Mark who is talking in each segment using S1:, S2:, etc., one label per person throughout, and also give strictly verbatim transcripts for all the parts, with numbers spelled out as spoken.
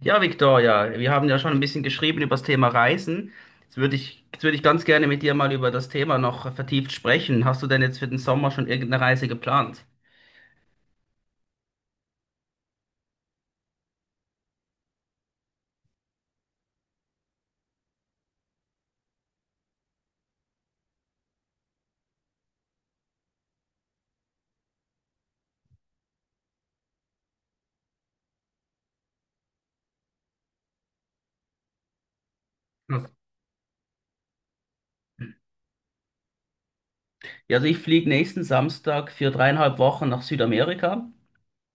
S1: Ja, Victoria, wir haben ja schon ein bisschen geschrieben über das Thema Reisen. Jetzt würde ich, jetzt würde ich ganz gerne mit dir mal über das Thema noch vertieft sprechen. Hast du denn jetzt für den Sommer schon irgendeine Reise geplant? Ja. Ja, also ich fliege nächsten Samstag für dreieinhalb Wochen nach Südamerika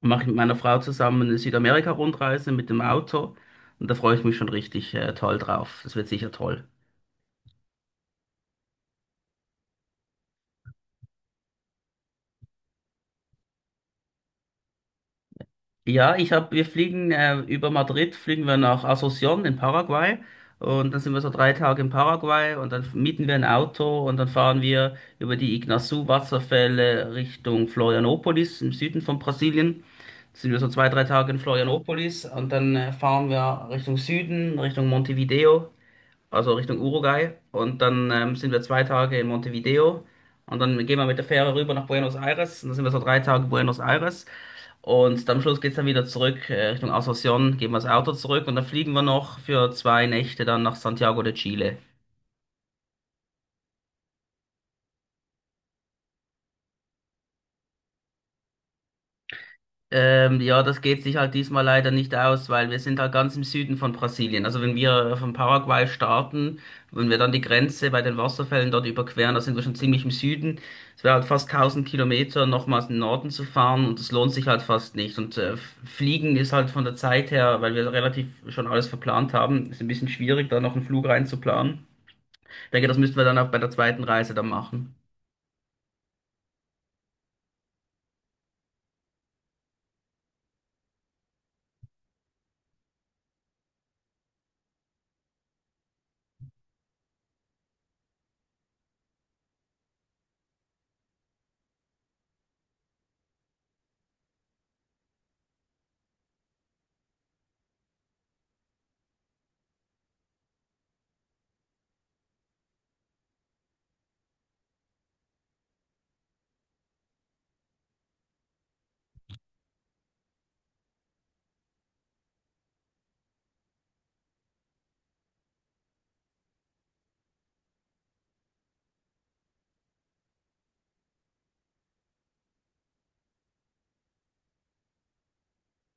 S1: und mache mit meiner Frau zusammen eine Südamerika-Rundreise mit dem Auto. Und da freue ich mich schon richtig, äh, toll drauf. Das wird sicher toll. Ja, ich hab, wir fliegen äh, über Madrid, fliegen wir nach Asunción in Paraguay und dann sind wir so drei Tage in Paraguay und dann mieten wir ein Auto und dann fahren wir über die Iguazú-Wasserfälle Richtung Florianópolis im Süden von Brasilien. Sind wir so zwei, drei Tage in Florianópolis und dann äh, fahren wir Richtung Süden, Richtung Montevideo, also Richtung Uruguay und dann ähm, sind wir zwei Tage in Montevideo und dann gehen wir mit der Fähre rüber nach Buenos Aires und dann sind wir so drei Tage in Buenos Aires. Und am Schluss geht's dann wieder zurück äh, Richtung Asunción, geben wir das Auto zurück und dann fliegen wir noch für zwei Nächte dann nach Santiago de Chile. Ähm, ja, das geht sich halt diesmal leider nicht aus, weil wir sind halt ganz im Süden von Brasilien. Also wenn wir von Paraguay starten, wenn wir dann die Grenze bei den Wasserfällen dort überqueren, da sind wir schon ziemlich im Süden. Es wäre halt fast tausend Kilometer nochmals in den Norden zu fahren und das lohnt sich halt fast nicht. Und äh, fliegen ist halt von der Zeit her, weil wir relativ schon alles verplant haben, ist ein bisschen schwierig, da noch einen Flug reinzuplanen. Ich denke, das müssten wir dann auch bei der zweiten Reise dann machen.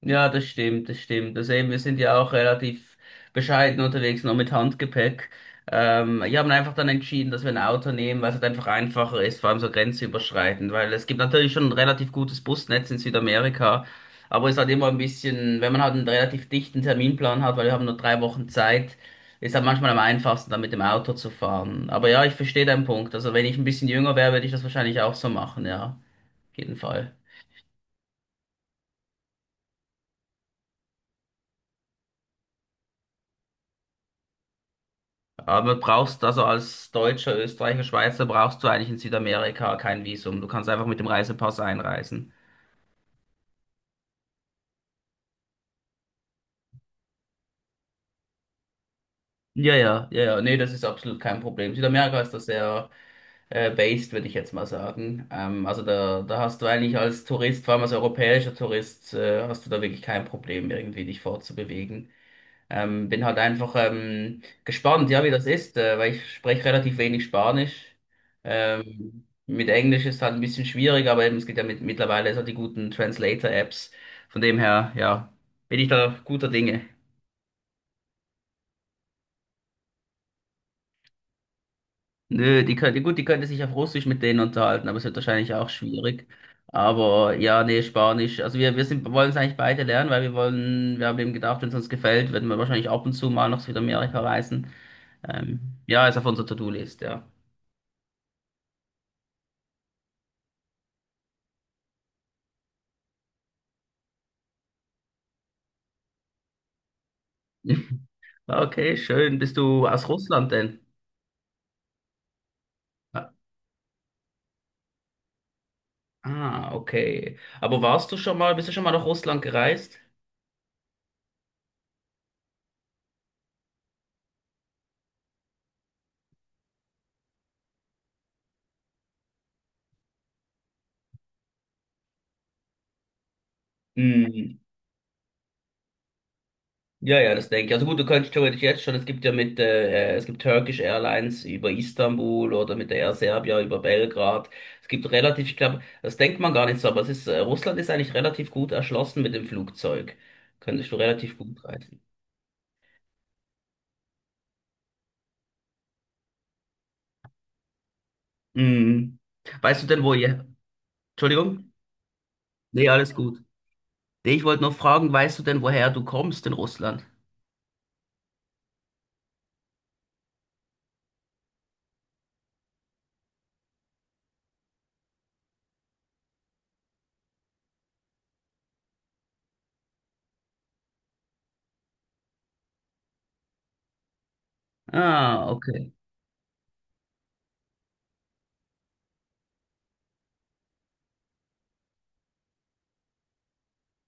S1: Ja, das stimmt, das stimmt. Also eben, wir sind ja auch relativ bescheiden unterwegs, nur mit Handgepäck. Ähm, wir haben einfach dann entschieden, dass wir ein Auto nehmen, weil es halt einfach einfacher ist, vor allem so grenzüberschreitend, weil es gibt natürlich schon ein relativ gutes Busnetz in Südamerika, aber es ist halt immer ein bisschen, wenn man halt einen relativ dichten Terminplan hat, weil wir haben nur drei Wochen Zeit, ist halt manchmal am einfachsten, dann mit dem Auto zu fahren. Aber ja, ich verstehe deinen Punkt. Also wenn ich ein bisschen jünger wäre, würde ich das wahrscheinlich auch so machen, ja, auf jeden Fall. Aber brauchst also als Deutscher, Österreicher, Schweizer brauchst du eigentlich in Südamerika kein Visum. Du kannst einfach mit dem Reisepass einreisen. Ja, ja, ja, ja, nee, das ist absolut kein Problem. Südamerika ist da sehr äh, based, würde ich jetzt mal sagen. Ähm, also da, da hast du eigentlich als Tourist, vor allem als europäischer Tourist, äh, hast du da wirklich kein Problem, irgendwie dich fortzubewegen. Ähm, bin halt einfach ähm, gespannt, ja, wie das ist, äh, weil ich spreche relativ wenig Spanisch. Ähm, mit Englisch ist halt ein bisschen schwierig, aber eben, es gibt ja mit, mittlerweile so die guten Translator-Apps. Von dem her, ja, bin ich da guter Dinge. Nö, die könnte, gut, die könnte sich auf Russisch mit denen unterhalten, aber es wird wahrscheinlich auch schwierig. Aber ja, nee, Spanisch. Also wir, wir sind, wollen es eigentlich beide lernen, weil wir wollen, wir haben eben gedacht, wenn es uns gefällt, werden wir wahrscheinlich ab und zu mal nach Südamerika reisen. Ähm, ja, ist auf unserer To-Do-List, ja. Okay, schön. Bist du aus Russland denn? Ah, ah, okay. Aber warst du schon mal, bist du schon mal nach Russland gereist? Hm. Ja, ja, das denke ich. Also gut, du könntest theoretisch jetzt schon, es gibt ja mit, äh, äh, es gibt Turkish Airlines über Istanbul oder mit der Air Serbia über Belgrad. Es gibt relativ, ich glaube, das denkt man gar nicht so, aber es ist, äh, Russland ist eigentlich relativ gut erschlossen mit dem Flugzeug. Könntest du relativ gut reisen. Hm. Weißt du denn, wo ihr, Entschuldigung? Nee, alles gut. Nee, Ich wollte noch fragen, weißt du denn, woher du kommst in Russland? Ah, okay.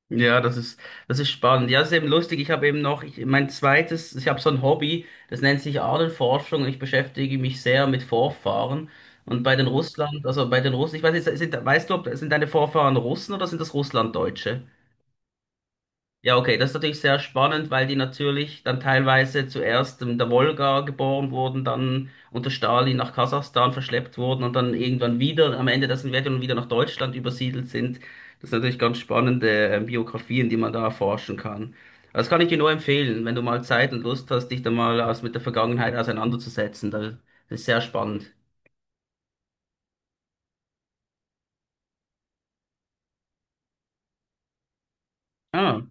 S1: Ja, das ist, das ist spannend. Ja, das ist eben lustig. Ich habe eben noch, ich, mein zweites, ich habe so ein Hobby, das nennt sich Ahnenforschung und ich beschäftige mich sehr mit Vorfahren. Und bei den Russland, also bei den Russen, ich weiß nicht, sind, weißt du, ob, sind deine Vorfahren Russen oder sind das Russlanddeutsche? Ja, okay, das ist natürlich sehr spannend, weil die natürlich dann teilweise zuerst in der Wolga geboren wurden, dann unter Stalin nach Kasachstan verschleppt wurden und dann irgendwann wieder am Ende der Sowjetunion wieder nach Deutschland übersiedelt sind. Das sind natürlich ganz spannende äh, Biografien, die man da erforschen kann. Das kann ich dir nur empfehlen, wenn du mal Zeit und Lust hast, dich da mal aus, mit der Vergangenheit auseinanderzusetzen. Das ist sehr spannend. Ah,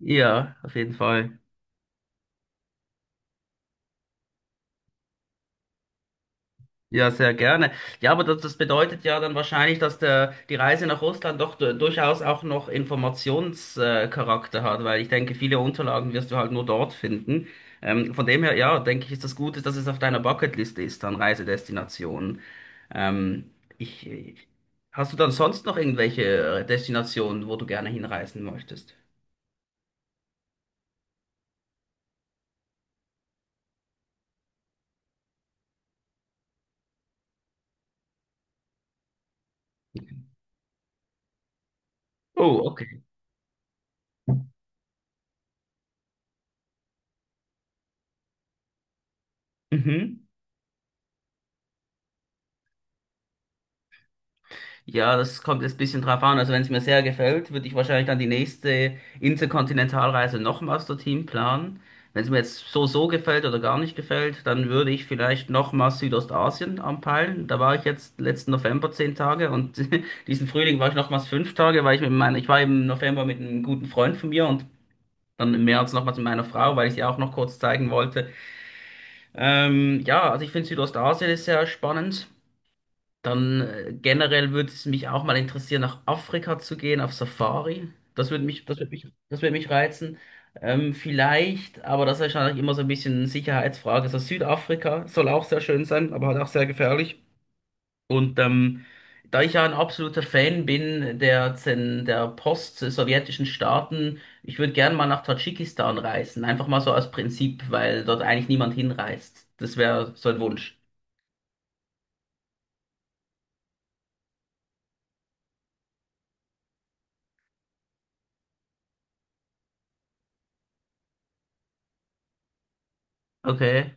S1: ja, auf jeden Fall. Ja, sehr gerne. Ja, aber das, das bedeutet ja dann wahrscheinlich, dass der, die Reise nach Russland doch du- durchaus auch noch Informationscharakter äh, hat, weil ich denke, viele Unterlagen wirst du halt nur dort finden. Ähm, von dem her, ja, denke ich, ist das Gute, dass es auf deiner Bucketliste ist an Reisedestinationen. Ähm, ich, ich- hast du dann sonst noch irgendwelche äh, Destinationen, wo du gerne hinreisen möchtest? Oh, okay. Mhm. Ja, das kommt jetzt ein bisschen drauf an. Also wenn es mir sehr gefällt, würde ich wahrscheinlich dann die nächste Interkontinentalreise nochmals dorthin planen. Wenn es mir jetzt so so gefällt oder gar nicht gefällt, dann würde ich vielleicht nochmals Südostasien anpeilen. Da war ich jetzt letzten November zehn Tage und diesen Frühling war ich nochmals fünf Tage, weil ich mit meiner, ich war im November mit einem guten Freund von mir und dann im März nochmals mit meiner Frau, weil ich sie auch noch kurz zeigen wollte. Ähm, ja, also ich finde Südostasien ist sehr spannend. Dann äh, generell würde es mich auch mal interessieren, nach Afrika zu gehen, auf Safari. Das würde mich, das würde mich, das würde mich reizen. Ähm, vielleicht, aber das ist wahrscheinlich immer so ein bisschen eine Sicherheitsfrage. So Südafrika soll auch sehr schön sein, aber halt auch sehr gefährlich. Und ähm, da ich ja ein absoluter Fan bin der, Zen- der post-sowjetischen Staaten, ich würde gerne mal nach Tadschikistan reisen. Einfach mal so als Prinzip, weil dort eigentlich niemand hinreist. Das wäre so ein Wunsch. Okay.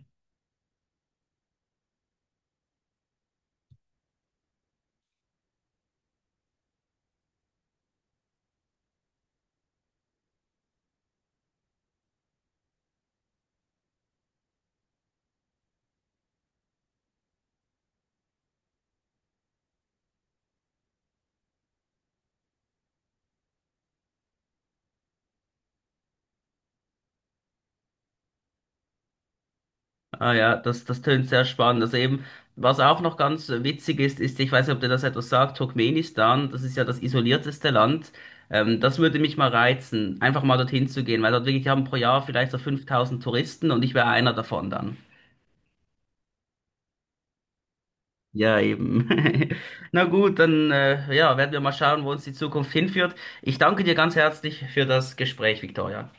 S1: Ah ja, das, das tönt sehr spannend. Also eben, was auch noch ganz witzig ist, ist, ich weiß nicht, ob dir das etwas sagt, Turkmenistan, das ist ja das isolierteste Land. Ähm, das würde mich mal reizen, einfach mal dorthin zu gehen, weil dort wirklich haben pro Jahr vielleicht so fünftausend Touristen und ich wäre einer davon dann. Ja, eben. Na gut, dann äh, ja, werden wir mal schauen, wo uns die Zukunft hinführt. Ich danke dir ganz herzlich für das Gespräch, Victoria.